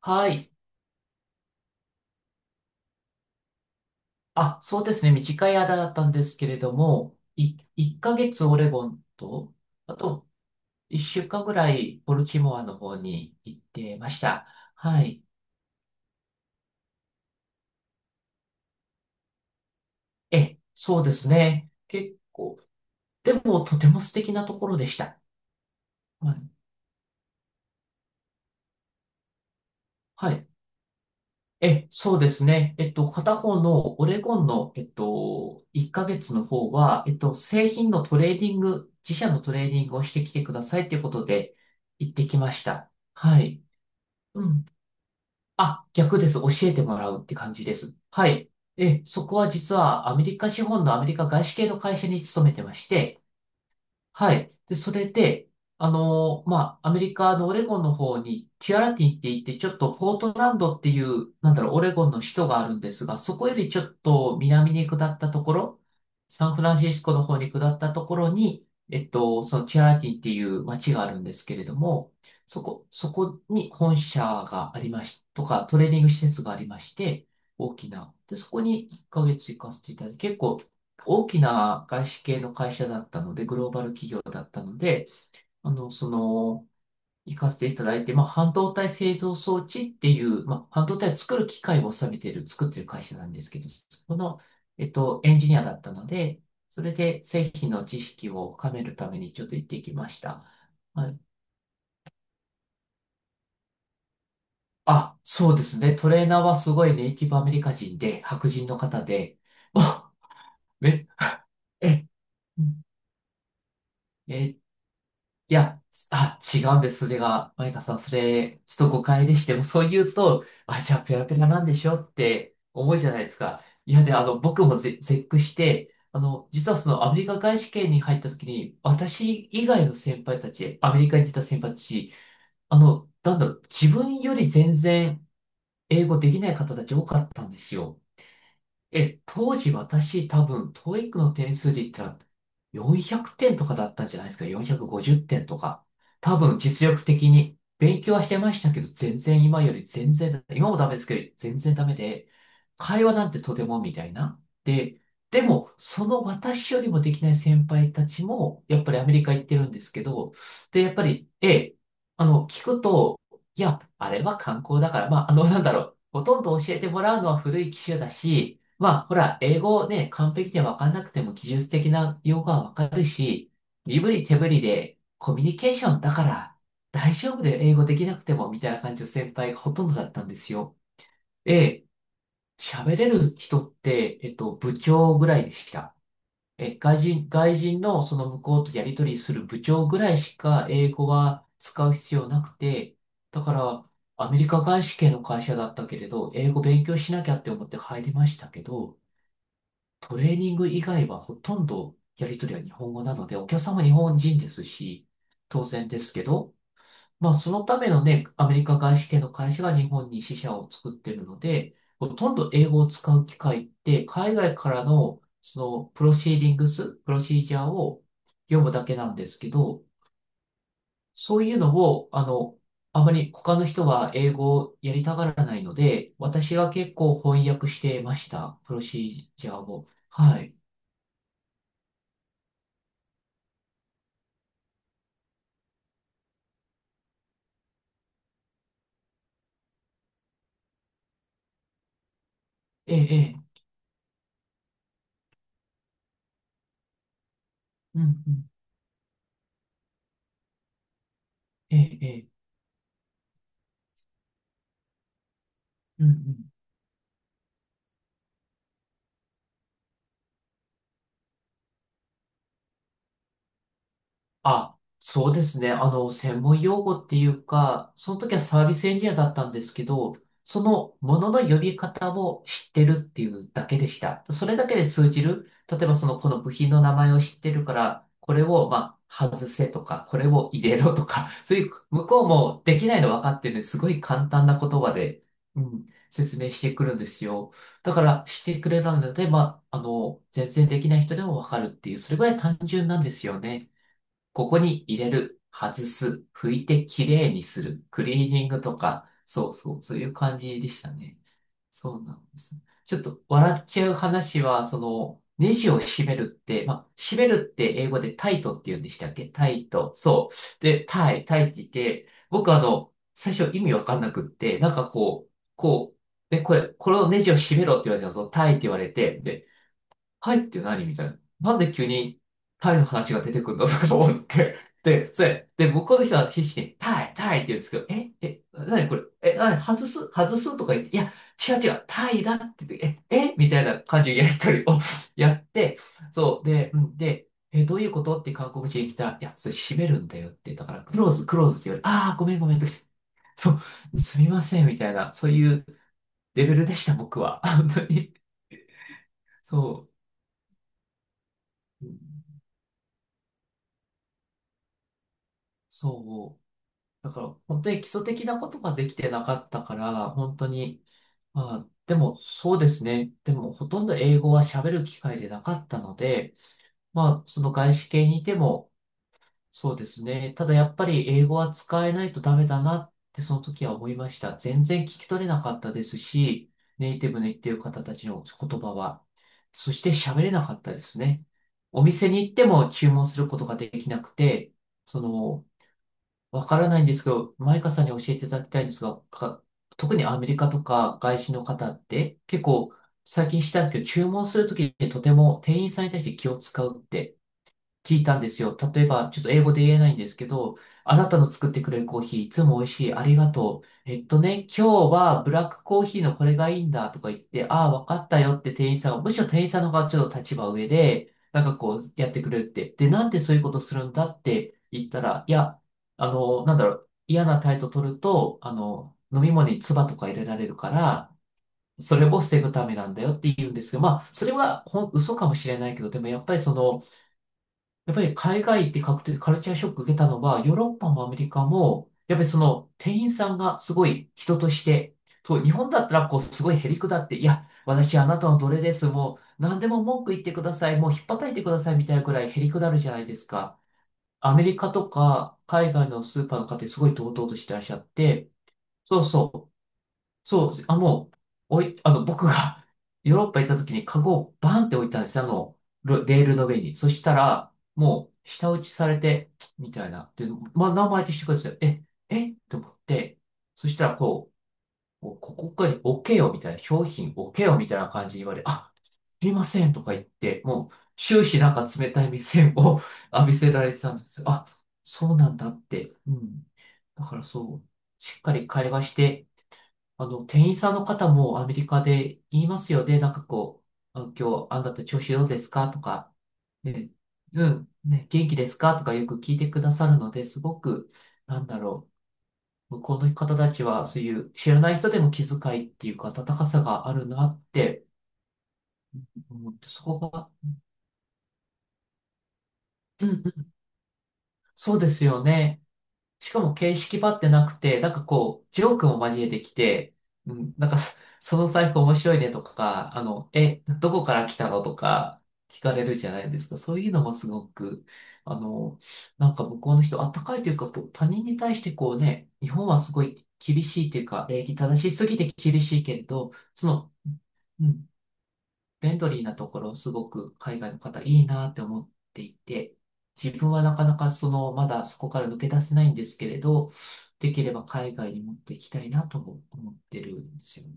はい。あ、そうですね。短い間だったんですけれども、1ヶ月オレゴンと、あと1週間ぐらいボルチモアの方に行ってました。はい。え、そうですね。結構、でもとても素敵なところでした。はい。はい。え、そうですね。片方のオレゴンの、1ヶ月の方は、製品のトレーディング、自社のトレーディングをしてきてくださいということで行ってきました。はい。うん、あ、逆です。教えてもらうって感じです。はい。え、そこは実はアメリカ資本のアメリカ外資系の会社に勤めてまして、はい。で、それで、まあ、アメリカのオレゴンの方に、キュアラティンって言って、ちょっとポートランドっていう、なんだろう、オレゴンの首都があるんですが、そこよりちょっと南に下ったところ、サンフランシスコの方に下ったところに、そのキュアラティンっていう街があるんですけれども、そこに本社がありまし、とか、トレーニング施設がありまして、大きな。で、そこに1ヶ月行かせていただいて、結構大きな外資系の会社だったので、グローバル企業だったので、あの、その、行かせていただいて、まあ、半導体製造装置っていう、まあ、半導体を作る機械を収めてる、作ってる会社なんですけど、そこの、エンジニアだったので、それで製品の知識を深めるためにちょっと行ってきました。はい。あ、そうですね。トレーナーはすごいネイティブアメリカ人で、白人の方で、おめ、え、えいや、あ、違うんです、それが。マイカさん、それ、ちょっと誤解でして、もうそう言うと、あ、じゃあペラペラなんでしょって思うじゃないですか。いや、で、僕も絶句して、実はそのアメリカ外資圏に入った時に、私以外の先輩たち、アメリカに出た先輩たち、なんだろう、自分より全然英語できない方たち多かったんですよ。え、当時私多分、TOEIC の点数で言ったら400点とかだったんじゃないですか。450点とか。多分、実力的に勉強はしてましたけど、全然今より全然だ、今もダメですけど、全然ダメで、会話なんてとてもみたいな。で、でも、その私よりもできない先輩たちも、やっぱりアメリカ行ってるんですけど、で、やっぱり、ええ、聞くと、いや、あれは観光だから、まあ、なんだろう、ほとんど教えてもらうのは古い機種だし、まあ、ほら、英語ね、完璧で分かんなくても技術的な用語は分かるし、身振り手振りでコミュニケーションだから大丈夫で英語できなくても、みたいな感じの先輩がほとんどだったんですよ。で、喋れる人って、部長ぐらいでした。え、外人のその向こうとやり取りする部長ぐらいしか英語は使う必要なくて、だから、アメリカ外資系の会社だったけれど、英語勉強しなきゃって思って入りましたけど、トレーニング以外はほとんどやり取りは日本語なので、お客様日本人ですし、当然ですけど、まあそのためのね、アメリカ外資系の会社が日本に支社を作っているので、ほとんど英語を使う機会って、海外からのそのプロシーディングス、プロシージャーを読むだけなんですけど、そういうのを、あまり他の人は英語をやりたがらないので、私は結構翻訳してました、プロシージャーを。はい。ええ、え、うんうん。ええ、ええ。うんうん。あ、そうですね。専門用語っていうか、その時はサービスエンジニアだったんですけど、そのものの呼び方を知ってるっていうだけでした。それだけで通じる。例えばその、この部品の名前を知ってるから、これを、まあ、外せとか、これを入れろとか、そういう、向こうもできないの分かってるんで、すごい簡単な言葉で、うん、説明してくるんですよ。だから、してくれるので、まあ、全然できない人でも分かるっていう、それぐらい単純なんですよね。ここに入れる、外す、拭いてきれいにする、クリーニングとか、そうそう、そういう感じでしたね。そうなんです。ちょっと笑っちゃう話は、その、ネジを締めるって、まあ、締めるって英語でタイトって言うんでしたっけタイト。そう。で、タイ、タイって言って、僕最初意味わかんなくって、なんかこう、こう、で、これ、このネジを締めろって言われたんですよ。タイって言われて、で、タイって何みたいな。なんで急にタイの話が出てくるんだとか思って。で、それ、で、向こうの人は必死にタイ、タイって言うんですけど、え、え、何これ、え、何、外す、外すとか言って、いや、違う違う、タイだって言って、え、え、みたいな感じのやりとりを やって、そう、で、うん、で、え、どういうことって韓国人に来たら、いや、それ閉めるんだよって、だから、クローズ、クローズって言われ、ああ、ごめんごめんとか言って、そう、すみません、みたいな、そういうレベルでした、僕は。本当に。そう。うん、そう。だから、本当に基礎的なことができてなかったから、本当に、まあ、でもそうですね。でも、ほとんど英語は喋る機会でなかったので、まあ、その外資系にいても、そうですね。ただやっぱり英語は使えないとダメだなってその時は思いました。全然聞き取れなかったですし、ネイティブの言ってる方たちの言葉は。そして喋れなかったですね。お店に行っても注文することができなくて、そのわからないんですけど、マイカさんに教えていただきたいんですが、特にアメリカとか外資の方って結構最近知ったんですけど、注文するときにとても店員さんに対して気を使うって聞いたんですよ。例えば、ちょっと英語で言えないんですけど、あなたの作ってくれるコーヒーいつも美味しい。ありがとう。えっとね、今日はブラックコーヒーのこれがいいんだとか言って、ああ、わかったよって店員さんは、むしろ店員さんの方がちょっと立場上で、なんかこうやってくれるって。で、なんでそういうことするんだって言ったら、いや、なんだろう、嫌な態度取ると、飲み物に唾とか入れられるから、それを防ぐためなんだよって言うんですけど、まあ、それはほん嘘かもしれないけど、でもやっぱりその、やっぱり海外行って確定、カルチャーショック受けたのは、ヨーロッパもアメリカも、やっぱりその店員さんがすごい人として、そう、日本だったらこうすごいへりくだって、いや、私あなたの奴隷です、もう何でも文句言ってください、もうひっぱたいてくださいみたいなくらいへりくだるじゃないですか。アメリカとか海外のスーパーの方ってすごい堂々としてらっしゃって、そうそう。そうです。あ、もう、おい、僕が ヨーロッパ行った時にカゴをバンって置いたんですよ。あの、ロレールの上に。そしたら、もう、舌打ちされて、みたいな。で、まあ、名前っしてください。えと思って、そしたら、こう、こうここかに置けよ、みたいな。商品置けよ、みたいな感じに言われ、あ、すみません、とか言って、もう、終始なんか冷たい目線を 浴びせられてたんですよ。あ、そうなんだって。うん。だからそう、しっかり会話して、店員さんの方もアメリカで言いますよね。なんかこう、あ今日あなた調子どうですかとか、ね、うん、ね、元気ですかとかよく聞いてくださるので、すごく、なんだろう、向こうの方たちはそういう知らない人でも気遣いっていうか温かさがあるなって思って、そこが、うんうん、そうですよね。しかも形式ばってなくて、なんかこう、ジョークも交えてきて、うん、なんかそ、その財布面白いねとか、え、どこから来たのとか聞かれるじゃないですか。そういうのもすごく、あの、なんか向こうの人、あったかいというか、こう、他人に対してこうね、日本はすごい厳しいというか、礼儀正しすぎて厳しいけれど、その、フレンドリーなところ、すごく海外の方いいなって思っていて、自分はなかなかその、まだそこから抜け出せないんですけれど、できれば海外に持っていきたいなとも思ってるんですよね。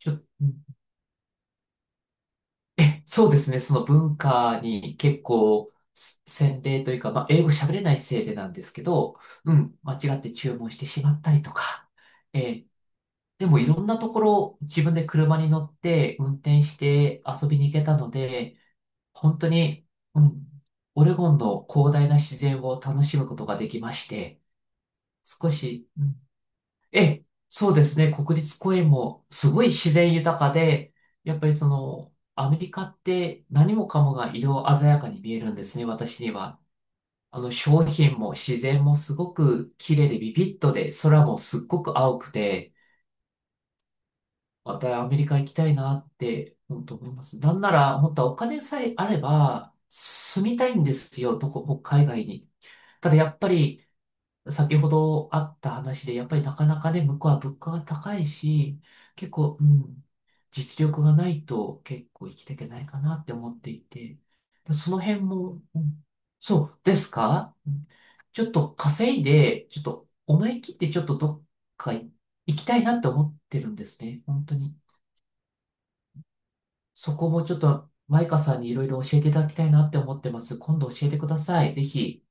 ちょ、うん、え、そうですね、その文化に結構、せ洗礼というか、まあ、英語喋れないせいでなんですけど、うん、間違って注文してしまったりとか、えーでもいろんなところ自分で車に乗って運転して遊びに行けたので、本当に、うん、オレゴンの広大な自然を楽しむことができまして、少し、うん、え、そうですね、国立公園もすごい自然豊かで、やっぱりその、アメリカって何もかもが色鮮やかに見えるんですね、私には。商品も自然もすごく綺麗でビビッとで、空もすっごく青くて、またアメリカ行きたいなって、本当思います。なんなら、本当はお金さえあれば、住みたいんですよ、どこ、北海外に。ただやっぱり、先ほどあった話で、やっぱりなかなかね、向こうは物価が高いし、結構、うん、実力がないと結構生きていけないかなって思っていて、その辺も、うん、そうですか、うん、ちょっと稼いで、ちょっと思い切ってちょっとどっか行きたいなって思ってるんですね、本当に。そこもちょっとマイカさんにいろいろ教えていただきたいなって思ってます。今度教えてください。ぜひ。